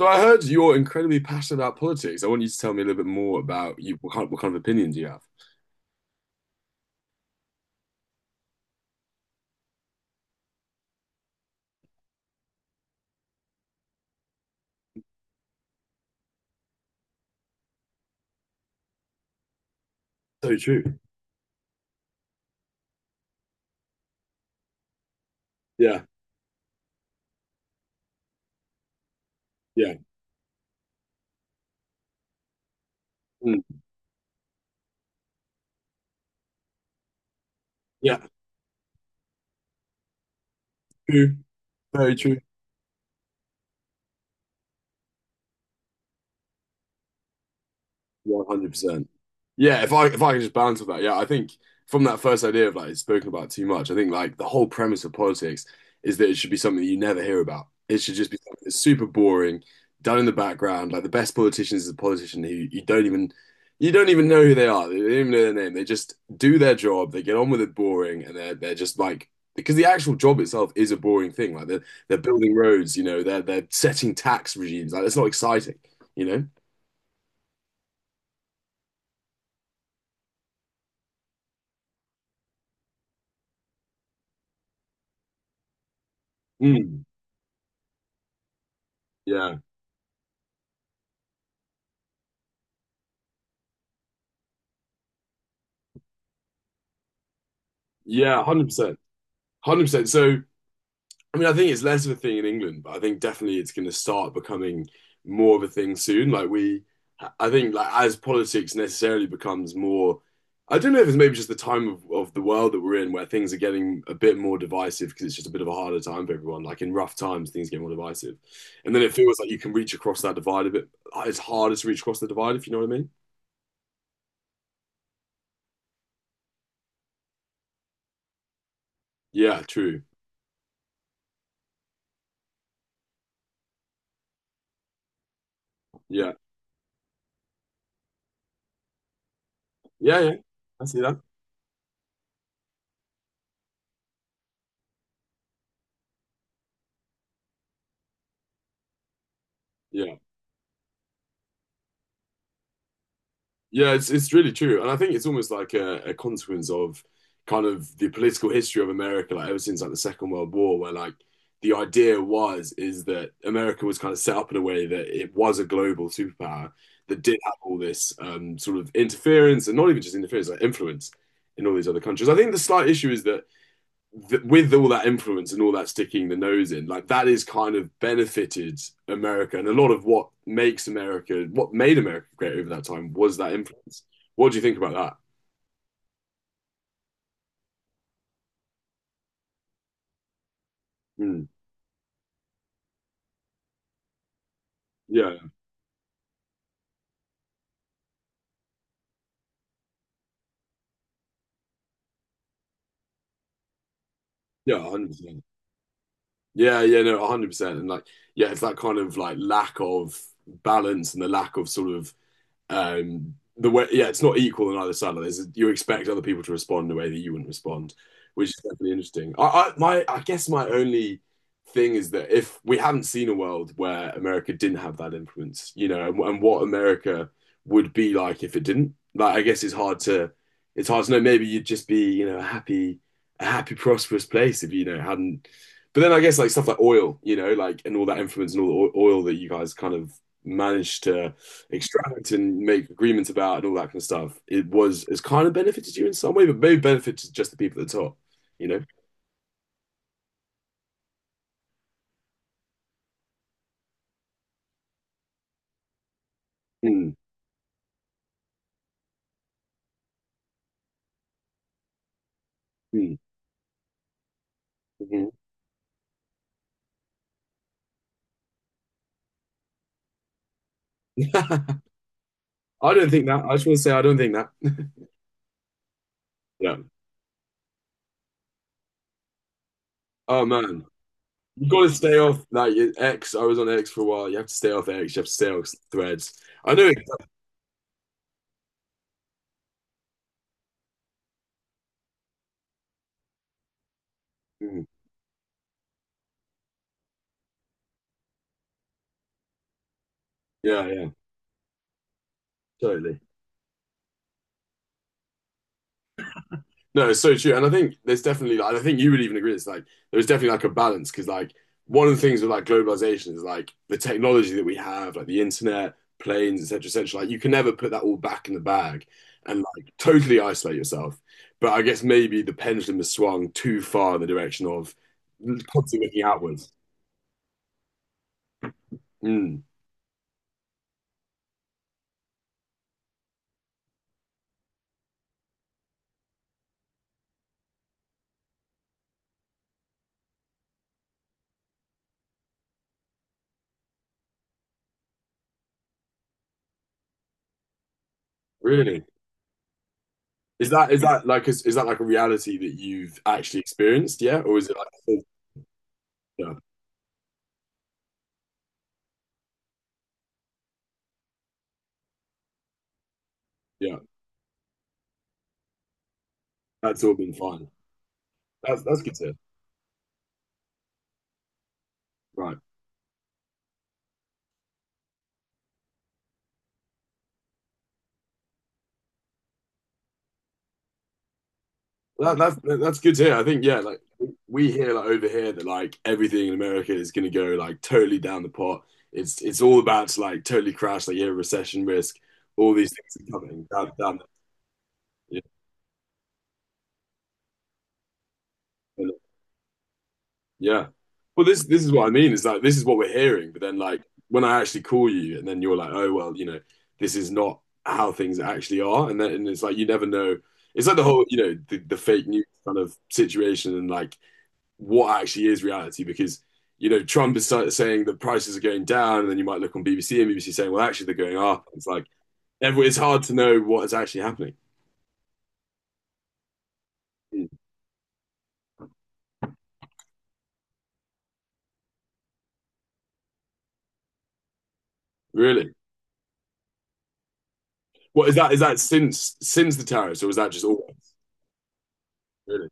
So I heard you're incredibly passionate about politics. I want you to tell me a little bit more about you. What kind of opinions you have? So true. Yeah. Yeah. Mm. Yeah. True. Very true. 100%. Yeah, if I could just balance with that, yeah, I think from that first idea of like it's spoken about too much. I think like the whole premise of politics is that it should be something that you never hear about. It should just be something that's super boring, done in the background. Like the best politician is a politician who you don't even know who they are. They don't even know their name. They just do their job. They get on with it boring, and they're just like because the actual job itself is a boring thing. Like they're building roads, they're setting tax regimes. Like it's not exciting, you know. Mm. Yeah. Yeah, 100%. 100%. So, I mean, I think it's less of a thing in England, but I think definitely it's going to start becoming more of a thing soon. Like, we, I think, like, as politics necessarily becomes more, I don't know if it's maybe just the time of the world that we're in, where things are getting a bit more divisive because it's just a bit of a harder time for everyone. Like, in rough times, things get more divisive. And then it feels like you can reach across that divide a bit. It's harder to reach across the divide, if you know what I mean. Yeah, true. Yeah. Yeah, yeah. I see that. Yeah. Yeah, it's really true, and I think it's almost like a consequence of kind of the political history of America, like ever since like the Second World War, where like the idea was is that America was kind of set up in a way that it was a global superpower that did have all this sort of interference, and not even just interference, like influence in all these other countries. I think the slight issue is that with all that influence and all that sticking the nose in, like that is kind of benefited America. And a lot of what makes America, what made America great over that time, was that influence. What do you think about that? Mm. Yeah, yeah, 100%. Yeah, yeah, no, 100%. And like, yeah, it's that kind of like lack of balance and the lack of sort of the way, yeah, it's not equal on either side. Like there's, you expect other people to respond in a way that you wouldn't respond, which is definitely interesting. I guess my only thing is that if we haven't seen a world where America didn't have that influence, and what America would be like if it didn't. Like, I guess it's hard to know. Maybe you'd just be, a happy, prosperous place if you, you know hadn't. But then I guess like stuff like oil, like and all that influence and all the oil that you guys kind of managed to extract and make agreements about and all that kind of stuff, it's kind of benefited you in some way, but maybe benefited just the people at the top, you know? Mm, mm, mhm. I don't think that. I just want to say I don't think that. Yeah. Oh man. You've got to stay off like X. I was on X for a while. You have to stay off X. You have to stay off threads. I know. Mm, yeah, yeah, totally. No, it's so true. And I think there's definitely, like, I think you would even agree, it's like there's definitely like a balance because, like, one of the things with like globalization is like the technology that we have, like the internet, planes, etc., etc. Like, you can never put that all back in the bag and like totally isolate yourself. But I guess maybe the pendulum has swung too far in the direction of constantly looking outwards. Mm, really? Is that like a reality that you've actually experienced? Yeah, or is it like, yeah, yeah, that's all been fine. That's good to hear. Right. That's good to hear. I think yeah, like we hear like over here that like everything in America is going to go like totally down the pot. It's all about to like totally crash, like yeah, recession risk, all these things are coming down, down the- yeah. Yeah. Well, this is what I mean. Is like this is what we're hearing, but then like when I actually call you, and then you're like, oh well, this is not how things actually are, and then and it's like you never know. It's like the whole the fake news kind of situation, and like what actually is reality because Trump is saying the prices are going down, and then you might look on BBC and BBC saying, well, actually they're going up. It's like it's hard to know what is actually happening. Mm. Really, what is that? Is that since the tariffs, or is that just always? Really,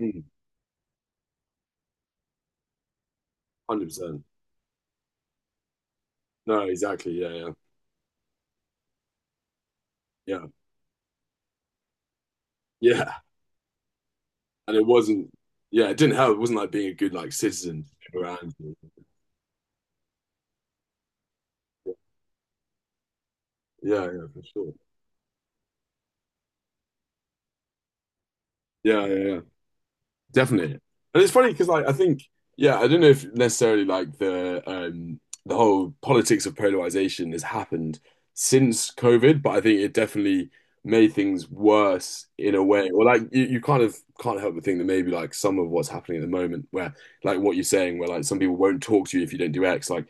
Mm. 100%. No, exactly. Yeah, yeah, yeah, yeah. And it wasn't. Yeah, it didn't help. It wasn't like being a good like citizen around. Yeah, yeah, for sure. Yeah, yeah, yeah. Definitely. And it's funny because like I think, yeah, I don't know if necessarily like the whole politics of polarization has happened since COVID, but I think it definitely made things worse in a way. Or like you kind of can't help but think that maybe like some of what's happening at the moment where like what you're saying where like some people won't talk to you if you don't do X, like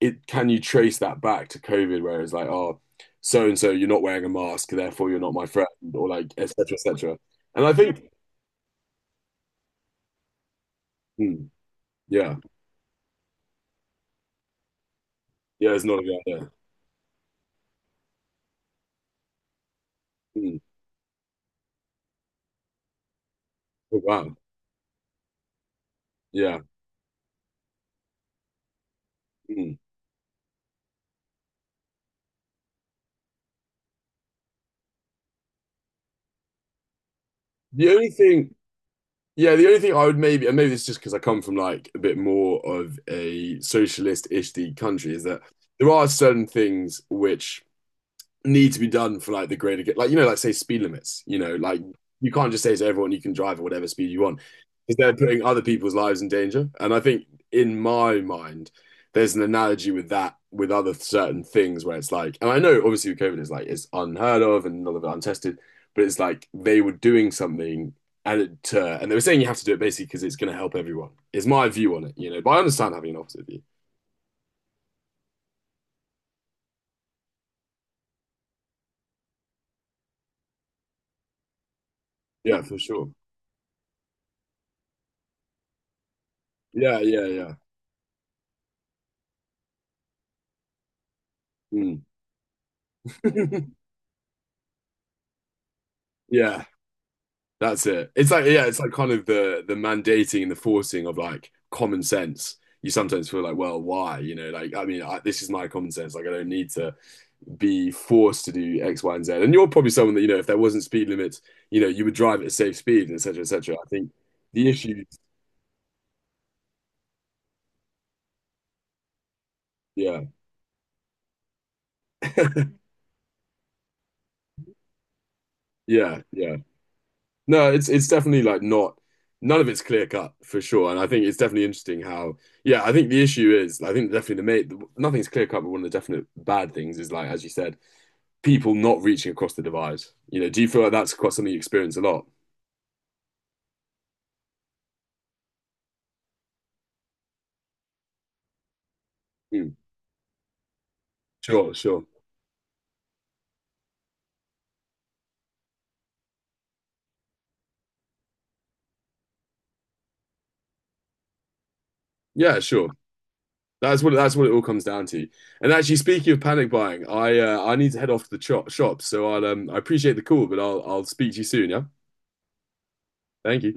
it. Can you trace that back to COVID where it's like, oh, so and so, you're not wearing a mask, therefore you're not my friend, or like et cetera, et cetera. And I think hmm, yeah. Yeah, it's not a guy there. Mm. Oh, wow. Yeah. Mm. The only thing, yeah, the only thing I would maybe, and maybe it's just because I come from like a bit more of a socialist-ish the country, is that there are certain things which need to be done for like the greater good. Like say speed limits, like you can't just say to everyone you can drive at whatever speed you want because they're putting other people's lives in danger. And I think in my mind, there's an analogy with that with other certain things where it's like, and I know obviously with COVID is like it's unheard of and none of it untested, but it's like they were doing something and it and they were saying you have to do it basically because it's going to help everyone. Is my view on it. But I understand having an opposite view. Yeah, for sure. Yeah, yeah, yeah. Mm. Yeah. That's it. It's like yeah, it's like kind of the mandating and the forcing of like common sense. You sometimes feel like, well, why? Like I mean, this is my common sense. Like I don't need to be forced to do X, Y, and Z. And you're probably someone that if there wasn't speed limits, you would drive at a safe speed, et cetera, et cetera. I think the issue, yeah, yeah, yeah. No, it's definitely like not, none of it's clear cut for sure. And I think it's definitely interesting how, yeah, I think the issue is, I think definitely the mate nothing's clear cut, but one of the definite bad things is like, as you said, people not reaching across the divide? You know, do you feel like that's quite something you experience a lot? Hmm, sure, sure. Yeah, sure. That's what it all comes down to. And actually, speaking of panic buying, I need to head off to the shop, so I appreciate the call, but I'll speak to you soon. Yeah, thank you.